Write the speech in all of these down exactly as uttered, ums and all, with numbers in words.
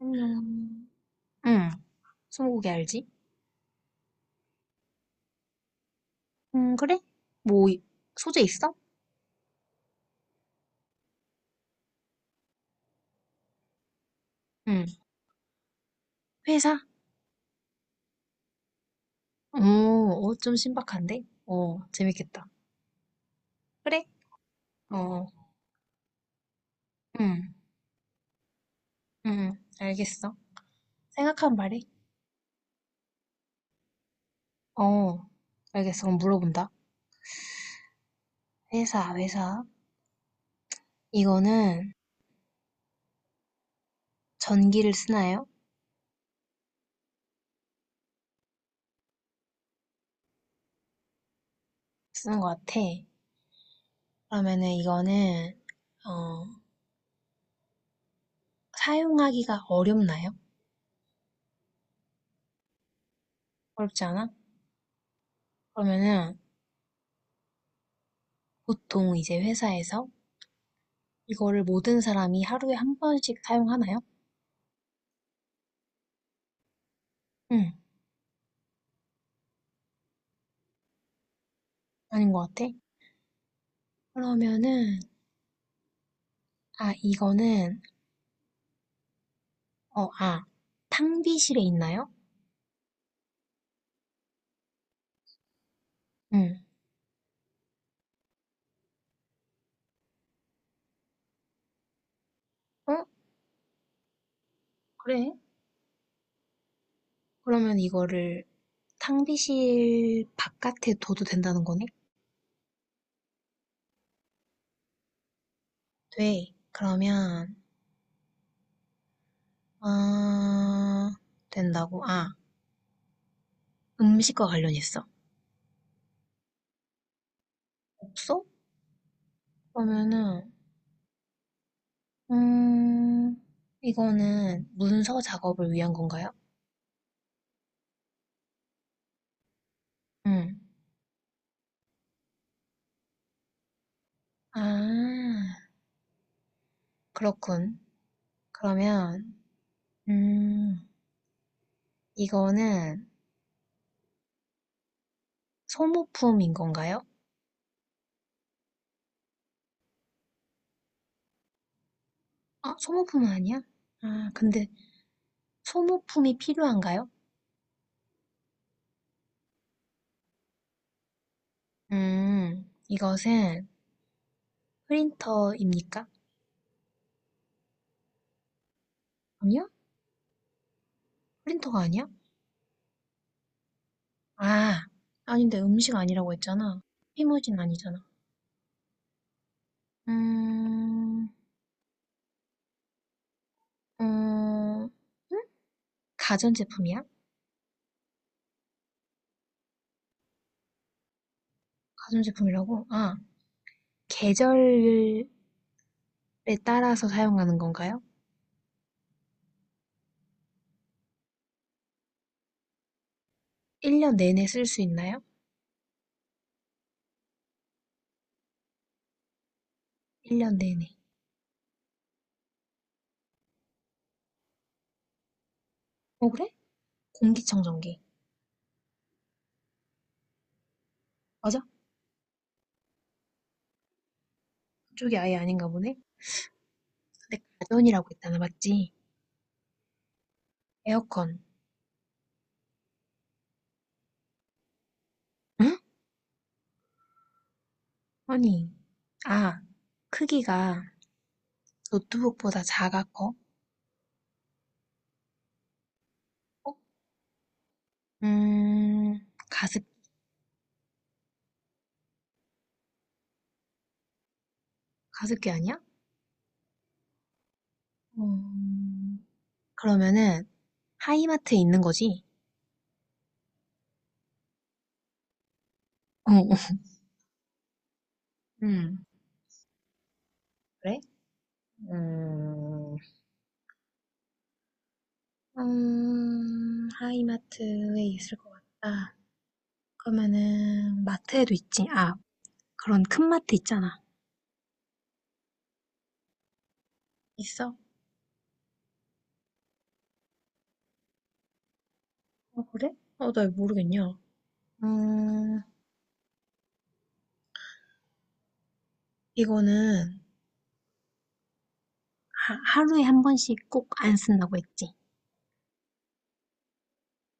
안녕. 응, 스무고개 알지? 음, 그래? 뭐, 이- 소재 있어? 응, 회사? 어, 어, 좀 신박한데? 어, 재밌겠다. 그래? 어, 응, 응, 알겠어. 생각하면 말해. 어, 알겠어. 그럼 물어본다. 회사, 회사. 이거는 전기를 쓰나요? 쓰는 것 같아. 그러면은 이거는, 어, 사용하기가 어렵나요? 어렵지 않아? 그러면은 보통 이제 회사에서 이거를 모든 사람이 하루에 한 번씩 사용하나요? 응, 아닌 것 같아. 그러면은, 아, 이거는, 어, 아, 탕비실에 있나요? 응, 어? 그래. 그러면 이거를 탕비실 바깥에 둬도 된다는 거네? 돼. 그러면, 아, 된다고? 아, 음식과 관련있어. 없어? 그러면은, 음, 이거는 문서 작업을 위한 건가요? 응. 아, 그렇군. 그러면 음, 이거는 소모품인 건가요? 아, 소모품은 아니야? 아, 근데 소모품이 필요한가요? 음, 이것은 프린터입니까? 아니야? 프린터가 아니야? 아, 아닌데 음식 아니라고 했잖아. 피무진 아니잖아. 음, 음, 가전제품이야? 가전제품이라고? 아, 계절에 따라서 사용하는 건가요? 일 년 내내 쓸 수 있나요? 일 년 내내. 어, 그래? 공기청정기. 맞아? 그쪽이 아예 아닌가 보네? 근데 가전이라고 했잖아, 맞지? 에어컨. 응? 아니. 아, 크기가 노트북보다 작아 커? 어? 음, 가습, 가습기 아니야? 음, 그러면은 하이마트에 있는 거지? 어, 어. 음, 그래? 음, 음, 하이마트에 있을 것 같다. 그러면은 마트에도 있지. 아, 그런 큰 마트 있잖아. 있어. 아, 그래? 어, 나 이거 모르겠냐. 음, 이거는, 하, 하루에 한 번씩 꼭 안 쓴다고 했지.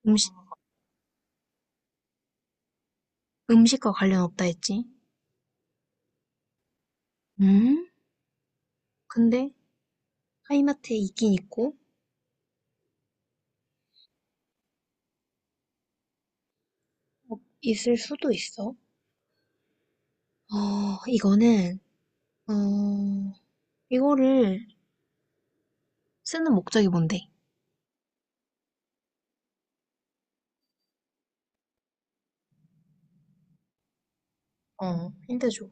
음식, 음식과 관련 없다 했지. 음? 근데, 하이마트에 있긴 있고, 어, 있을 수도 있어. 어, 이거는, 어, 이거를 쓰는 목적이 뭔데? 어, 힌트 줘.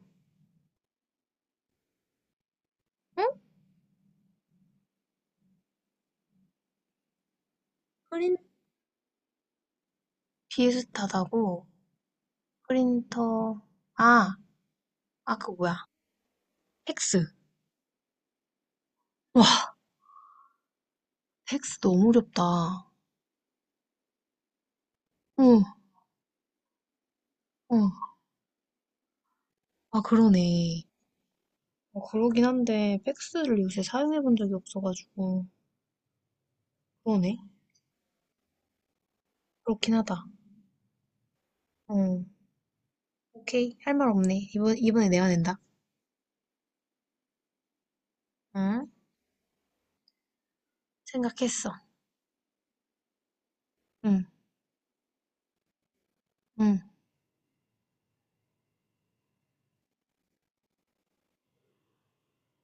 응? 프린, 비슷하다고, 프린터, 아, 아, 그거 뭐야. 팩스. 와, 팩스 너무 어렵다. 응, 응. 아, 그러네. 어, 그러긴 한데 팩스를 요새 사용해 본 적이 없어가지고 그러네. 그렇긴 하다. 응. 오케이. 할 말 없네. 이번 이번에 내가 낸다. 응? 생각했어. 응. 응.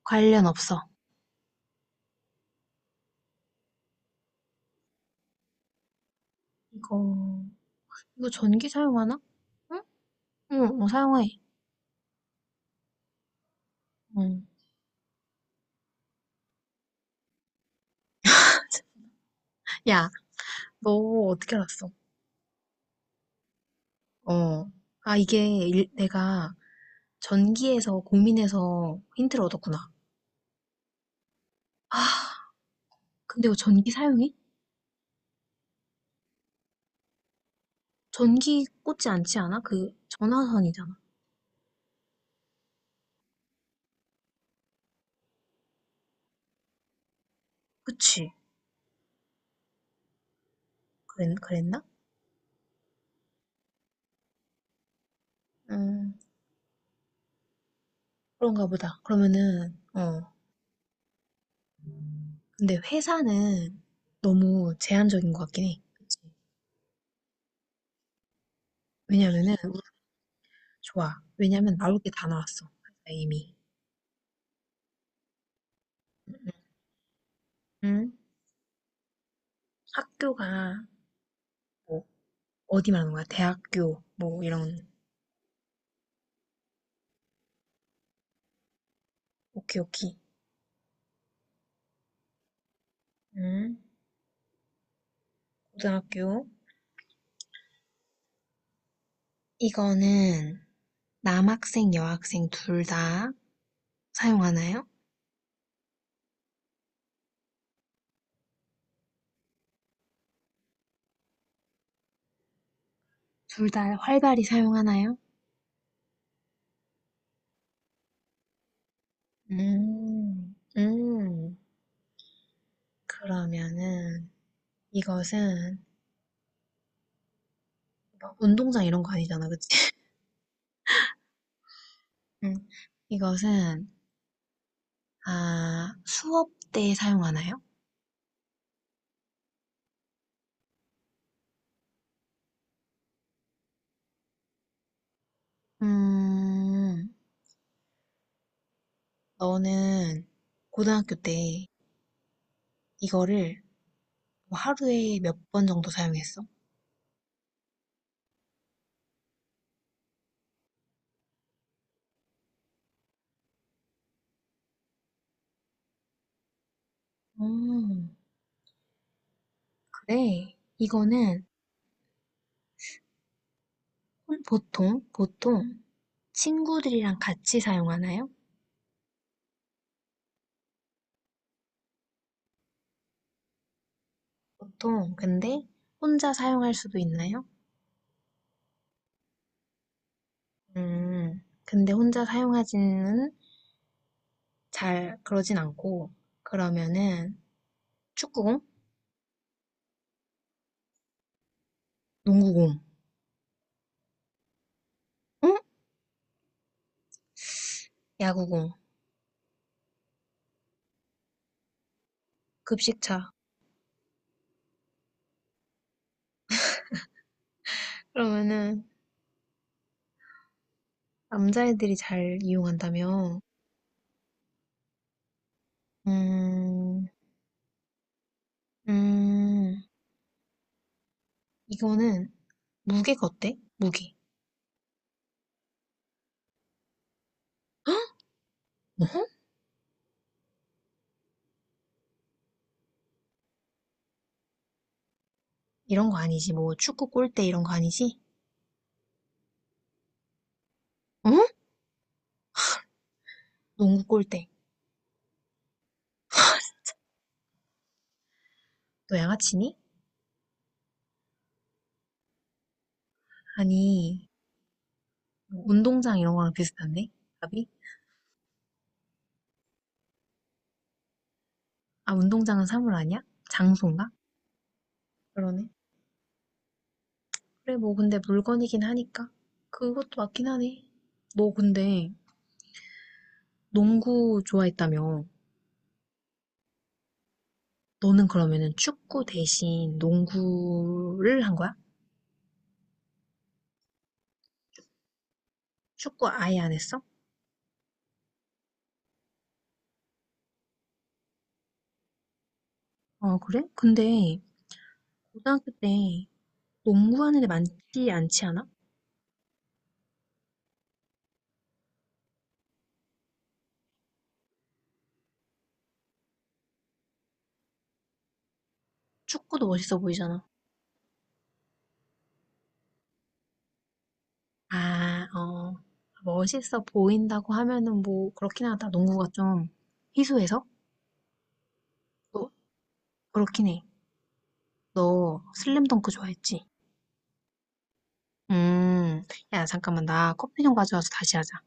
관련 없어. 이거 이거 전기 사용하나? 응? 응. 어, 사용해. 응. 야, 너 어떻게 알았어? 어. 아, 이게 일- 내가 전기에서 고민해서 힌트를 얻었구나. 아, 근데 이거 전기 사용해? 전기 꽂지 않지 않아? 그 전화선이잖아. 그치. 그랬, 그랬나? 음, 그런가 보다. 그러면은, 어. 근데 회사는 너무 제한적인 것 같긴 해. 그치. 왜냐면은, 우리- 좋아. 왜냐면 나올 게 다 나왔어. 회사 이미. 음, 음. 음? 학교가, 뭐, 어디 말하는 거야? 대학교, 뭐, 이런. 오케이, 오케이. 음? 고등학교. 이거는 남학생, 여학생 둘 다 사용하나요? 둘 다 활발히 사용하나요? 음, 음. 그러면은 이것은 막 운동장 이런 거 아니잖아, 그치? 응. 이것은 아, 수업 때 사용하나요? 음, 너는 고등학교 때 이거를 뭐 하루에 몇 번 정도 사용했어? 음, 그래. 이거는 혼- 보통, 보통 친구들이랑 같이 사용하나요? 보통, 근데 혼자 사용할 수도 있나요? 음, 근데 혼자 사용하지는 잘 그러진 않고 그러면은 축구공, 농구공, 응? 야구공, 급식차. 그러면은 남자애들이 잘 이용한다며. 음, 음, 이거는 무게가 어때? 무게. 어, 이런 거 아니지. 뭐 축구 골대 이런 거 아니지? 어? 농구 골대. 너 양아치니? 아니, 뭐 운동장 이런 거랑 비슷한데? 답이? 아, 운동장은 사물 아니야? 장소인가? 그러네. 그래, 뭐, 근데 물건이긴 하니까. 그것도 맞긴 하네. 너 근데 농구 좋아했다며. 너는 그러면은 축구 대신 농구를 한 거야? 축구 아예 안 했어? 어, 그래? 근데 고등학교 때 농구하는 애 많지 않지 않아? 축구도 멋있어 보이잖아. 아, 어. 멋있어 보인다고 하면은 뭐, 그렇긴 하다. 농구가 좀 희소해서? 또, 그렇긴 해. 너 슬램덩크 좋아했지? 음. 야, 잠깐만. 나 커피 좀 가져와서 다시 하자.